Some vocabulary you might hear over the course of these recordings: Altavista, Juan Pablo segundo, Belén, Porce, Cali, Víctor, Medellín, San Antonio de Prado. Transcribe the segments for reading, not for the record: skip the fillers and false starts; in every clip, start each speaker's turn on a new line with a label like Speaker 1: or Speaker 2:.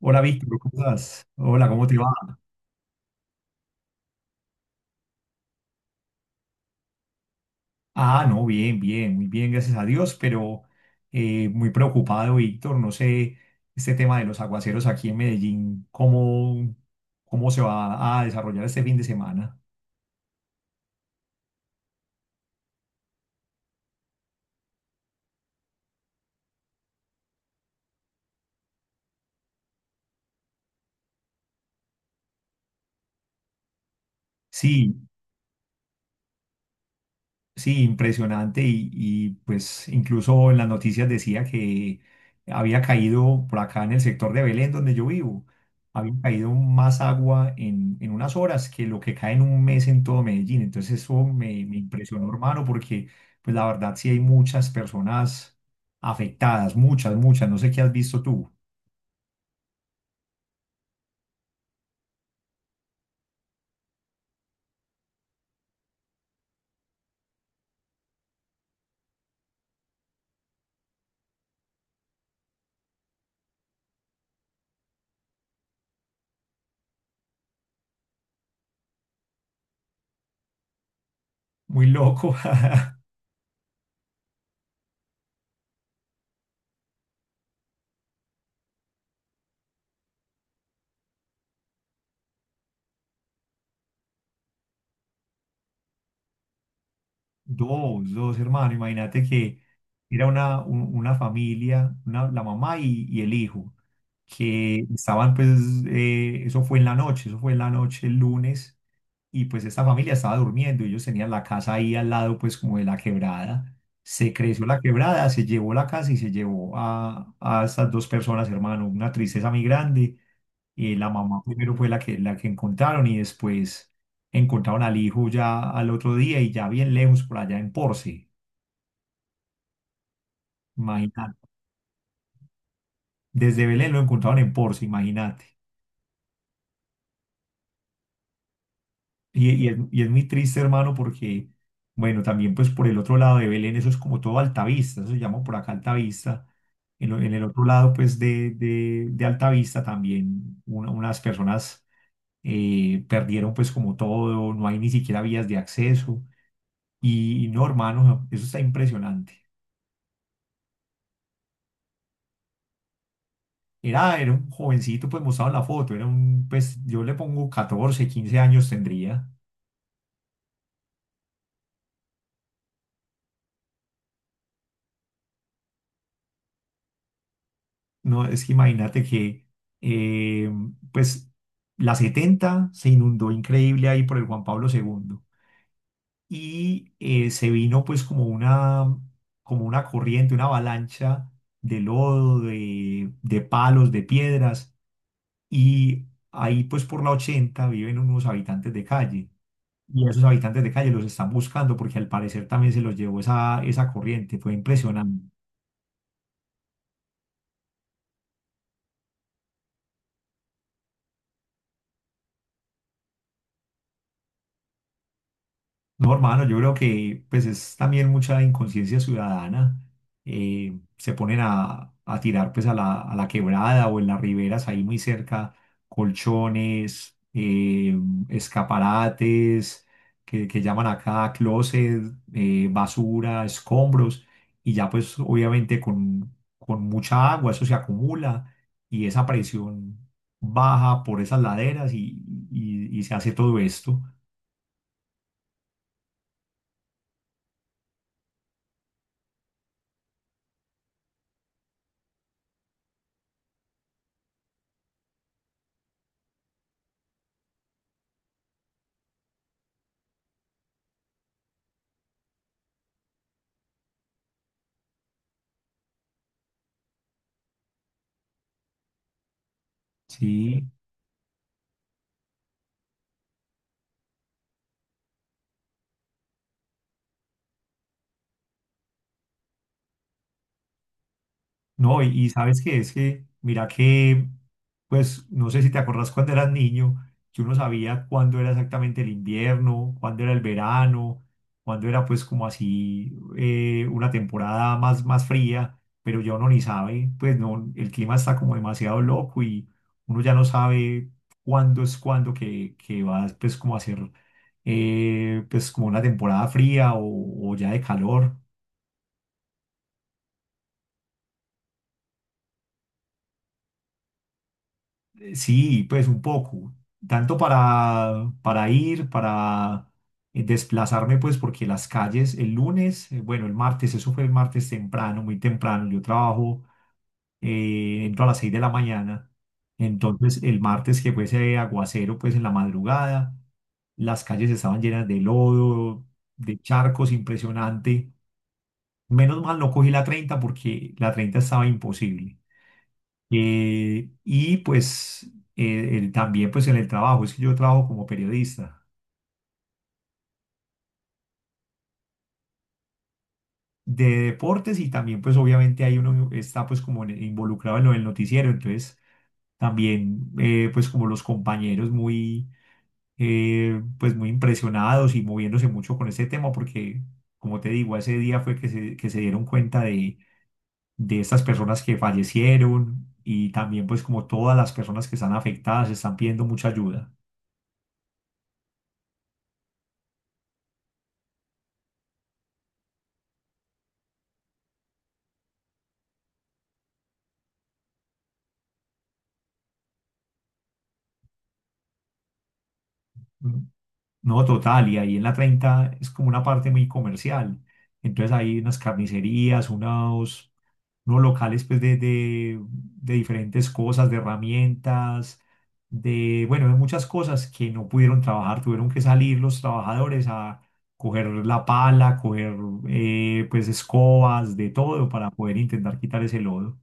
Speaker 1: Hola Víctor, ¿cómo estás? Hola, ¿cómo te va? Ah, no, bien, bien, muy bien, gracias a Dios, pero muy preocupado, Víctor. No sé, este tema de los aguaceros aquí en Medellín, ¿cómo se va a desarrollar este fin de semana? Sí. Sí, impresionante pues incluso en las noticias decía que había caído por acá en el sector de Belén donde yo vivo, había caído más agua en unas horas que lo que cae en un mes en todo Medellín. Entonces eso me impresionó, hermano, porque pues la verdad sí hay muchas personas afectadas, muchas, muchas, no sé qué has visto tú, muy loco. Dos hermanos. Imagínate que era una familia, la mamá y el hijo, que estaban, pues, eso fue en la noche, eso fue en la noche el lunes, y pues esta familia estaba durmiendo, ellos tenían la casa ahí al lado, pues, como de la quebrada. Se creció la quebrada, se llevó la casa y se llevó a estas dos personas, hermano. Una tristeza muy grande. La mamá primero fue la que encontraron y después encontraron al hijo ya al otro día y ya bien lejos por allá en Porce, imagínate. Desde Belén lo encontraron en Porce, imagínate. Y es muy triste, hermano, porque, bueno, también pues por el otro lado de Belén, eso es como todo Altavista, eso se llama por acá Altavista. En el otro lado pues de Altavista también unas personas perdieron pues como todo, no hay ni siquiera vías de acceso. Y no, hermano, eso está impresionante. Era un jovencito, pues mostrado en la foto, pues yo le pongo 14 15 años tendría. No, es que imagínate que, eh, pues la 70 se inundó increíble ahí por el Juan Pablo segundo y se vino pues como como una corriente, una avalancha de lodo, de palos, de piedras y ahí pues por la 80 viven unos habitantes de calle. Y esos habitantes de calle los están buscando porque al parecer también se los llevó esa corriente. Fue impresionante. No, hermano, yo creo que pues es también mucha inconsciencia ciudadana. Se ponen a tirar pues a la quebrada o en las riberas ahí muy cerca colchones, escaparates que llaman acá closet, basura, escombros y ya pues obviamente con mucha agua eso se acumula y esa presión baja por esas laderas y se hace todo esto. Sí. No, y sabes que es que, mira que, pues no sé si te acordás cuando eras niño, que uno sabía cuándo era exactamente el invierno, cuándo era el verano, cuándo era pues como así una temporada más fría, pero ya uno ni sabe, pues no, el clima está como demasiado loco y uno ya no sabe cuándo es cuándo que va pues como a ser pues como una temporada fría o ya de calor. Sí, pues un poco, tanto para ir, para desplazarme, pues porque las calles el lunes, bueno, el martes, eso fue el martes temprano, muy temprano, yo trabajo, entro a las 6 de la mañana, entonces el martes que fue ese aguacero, pues en la madrugada, las calles estaban llenas de lodo, de charcos, impresionante. Menos mal no cogí la 30 porque la 30 estaba imposible. Y pues también pues en el trabajo, es que yo trabajo como periodista de deportes y también pues obviamente ahí uno está pues como involucrado en lo del noticiero, entonces también pues como los compañeros muy pues muy impresionados y moviéndose mucho con este tema porque como te digo, ese día fue que se dieron cuenta de estas personas que fallecieron y también pues como todas las personas que están afectadas están pidiendo mucha ayuda. ¿No? No, total, y ahí en la 30 es como una parte muy comercial. Entonces hay unas carnicerías, unos locales pues de diferentes cosas, de herramientas, bueno, de muchas cosas que no pudieron trabajar, tuvieron que salir los trabajadores a coger la pala, coger pues escobas, de todo para poder intentar quitar ese lodo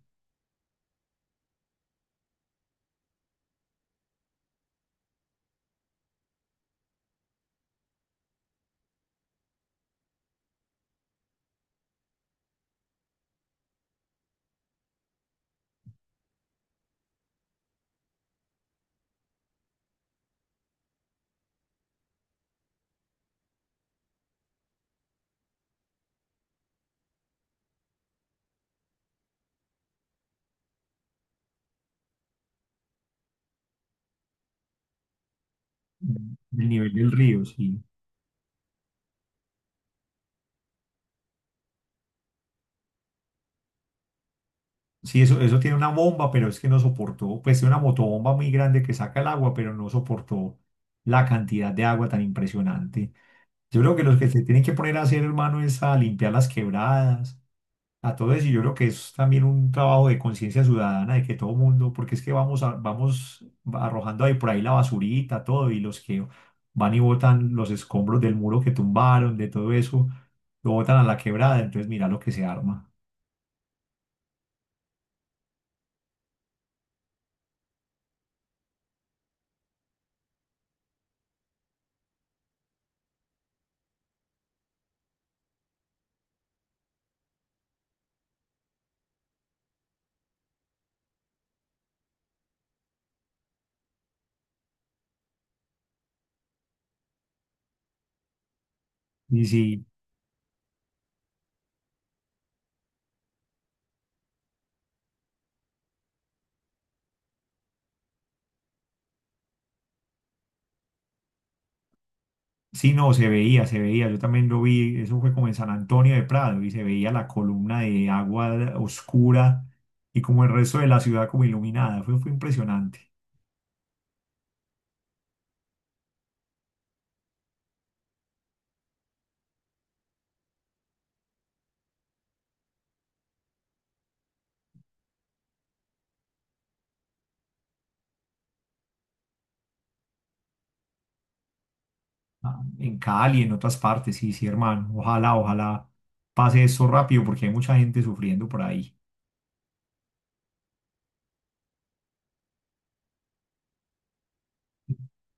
Speaker 1: del nivel del río, sí. Sí, eso tiene una bomba, pero es que no soportó, pues tiene una motobomba muy grande que saca el agua, pero no soportó la cantidad de agua tan impresionante. Yo creo que los que se tienen que poner a hacer, hermano, es a limpiar las quebradas, a todo eso. Y yo creo que es también un trabajo de conciencia ciudadana, de que todo mundo, porque es que vamos arrojando ahí por ahí la basurita, todo, y los que van y botan los escombros del muro que tumbaron, de todo eso, lo botan a la quebrada, entonces mira lo que se arma. Y sí. Sí, no, se veía. Yo también lo vi. Eso fue como en San Antonio de Prado y se veía la columna de agua oscura y como el resto de la ciudad como iluminada. Fue impresionante. Ah, en Cali, en otras partes, sí, sí, hermano. Ojalá, ojalá pase eso rápido porque hay mucha gente sufriendo por ahí.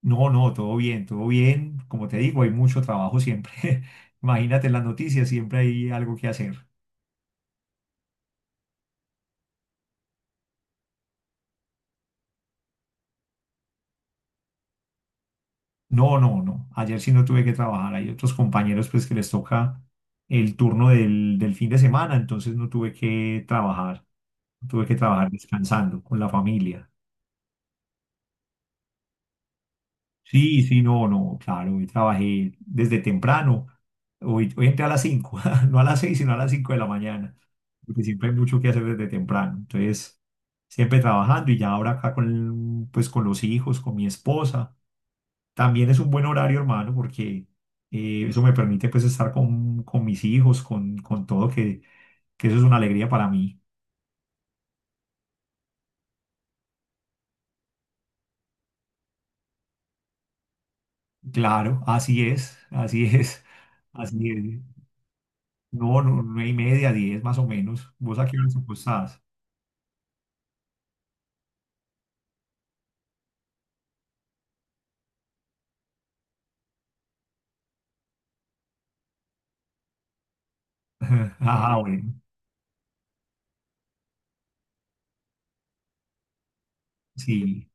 Speaker 1: No, no, todo bien, todo bien. Como te digo, hay mucho trabajo siempre. Imagínate en las noticias, siempre hay algo que hacer. No, no, no. Ayer sí no tuve que trabajar. Hay otros compañeros pues que les toca el turno del fin de semana, entonces no tuve que trabajar. No tuve que trabajar descansando con la familia. Sí, sí, no, no, claro. Hoy trabajé desde temprano. Hoy entré a las 5, no a las 6, sino a las 5 de la mañana, porque siempre hay mucho que hacer desde temprano. Entonces, siempre trabajando y ya ahora acá pues, con los hijos, con mi esposa. También es un buen horario, hermano, porque eso me permite pues estar con mis hijos, con todo, que eso es una alegría para mí. Claro, así es, así es. No, no, 9:30, 10 más o menos. ¿Vos a qué hora estás? Ah, bueno, sí.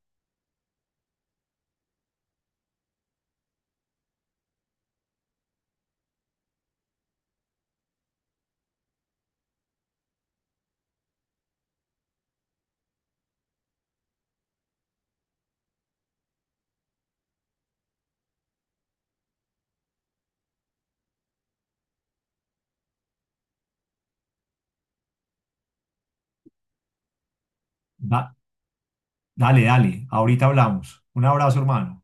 Speaker 1: Da- dale, dale, ahorita hablamos. Un abrazo, hermano.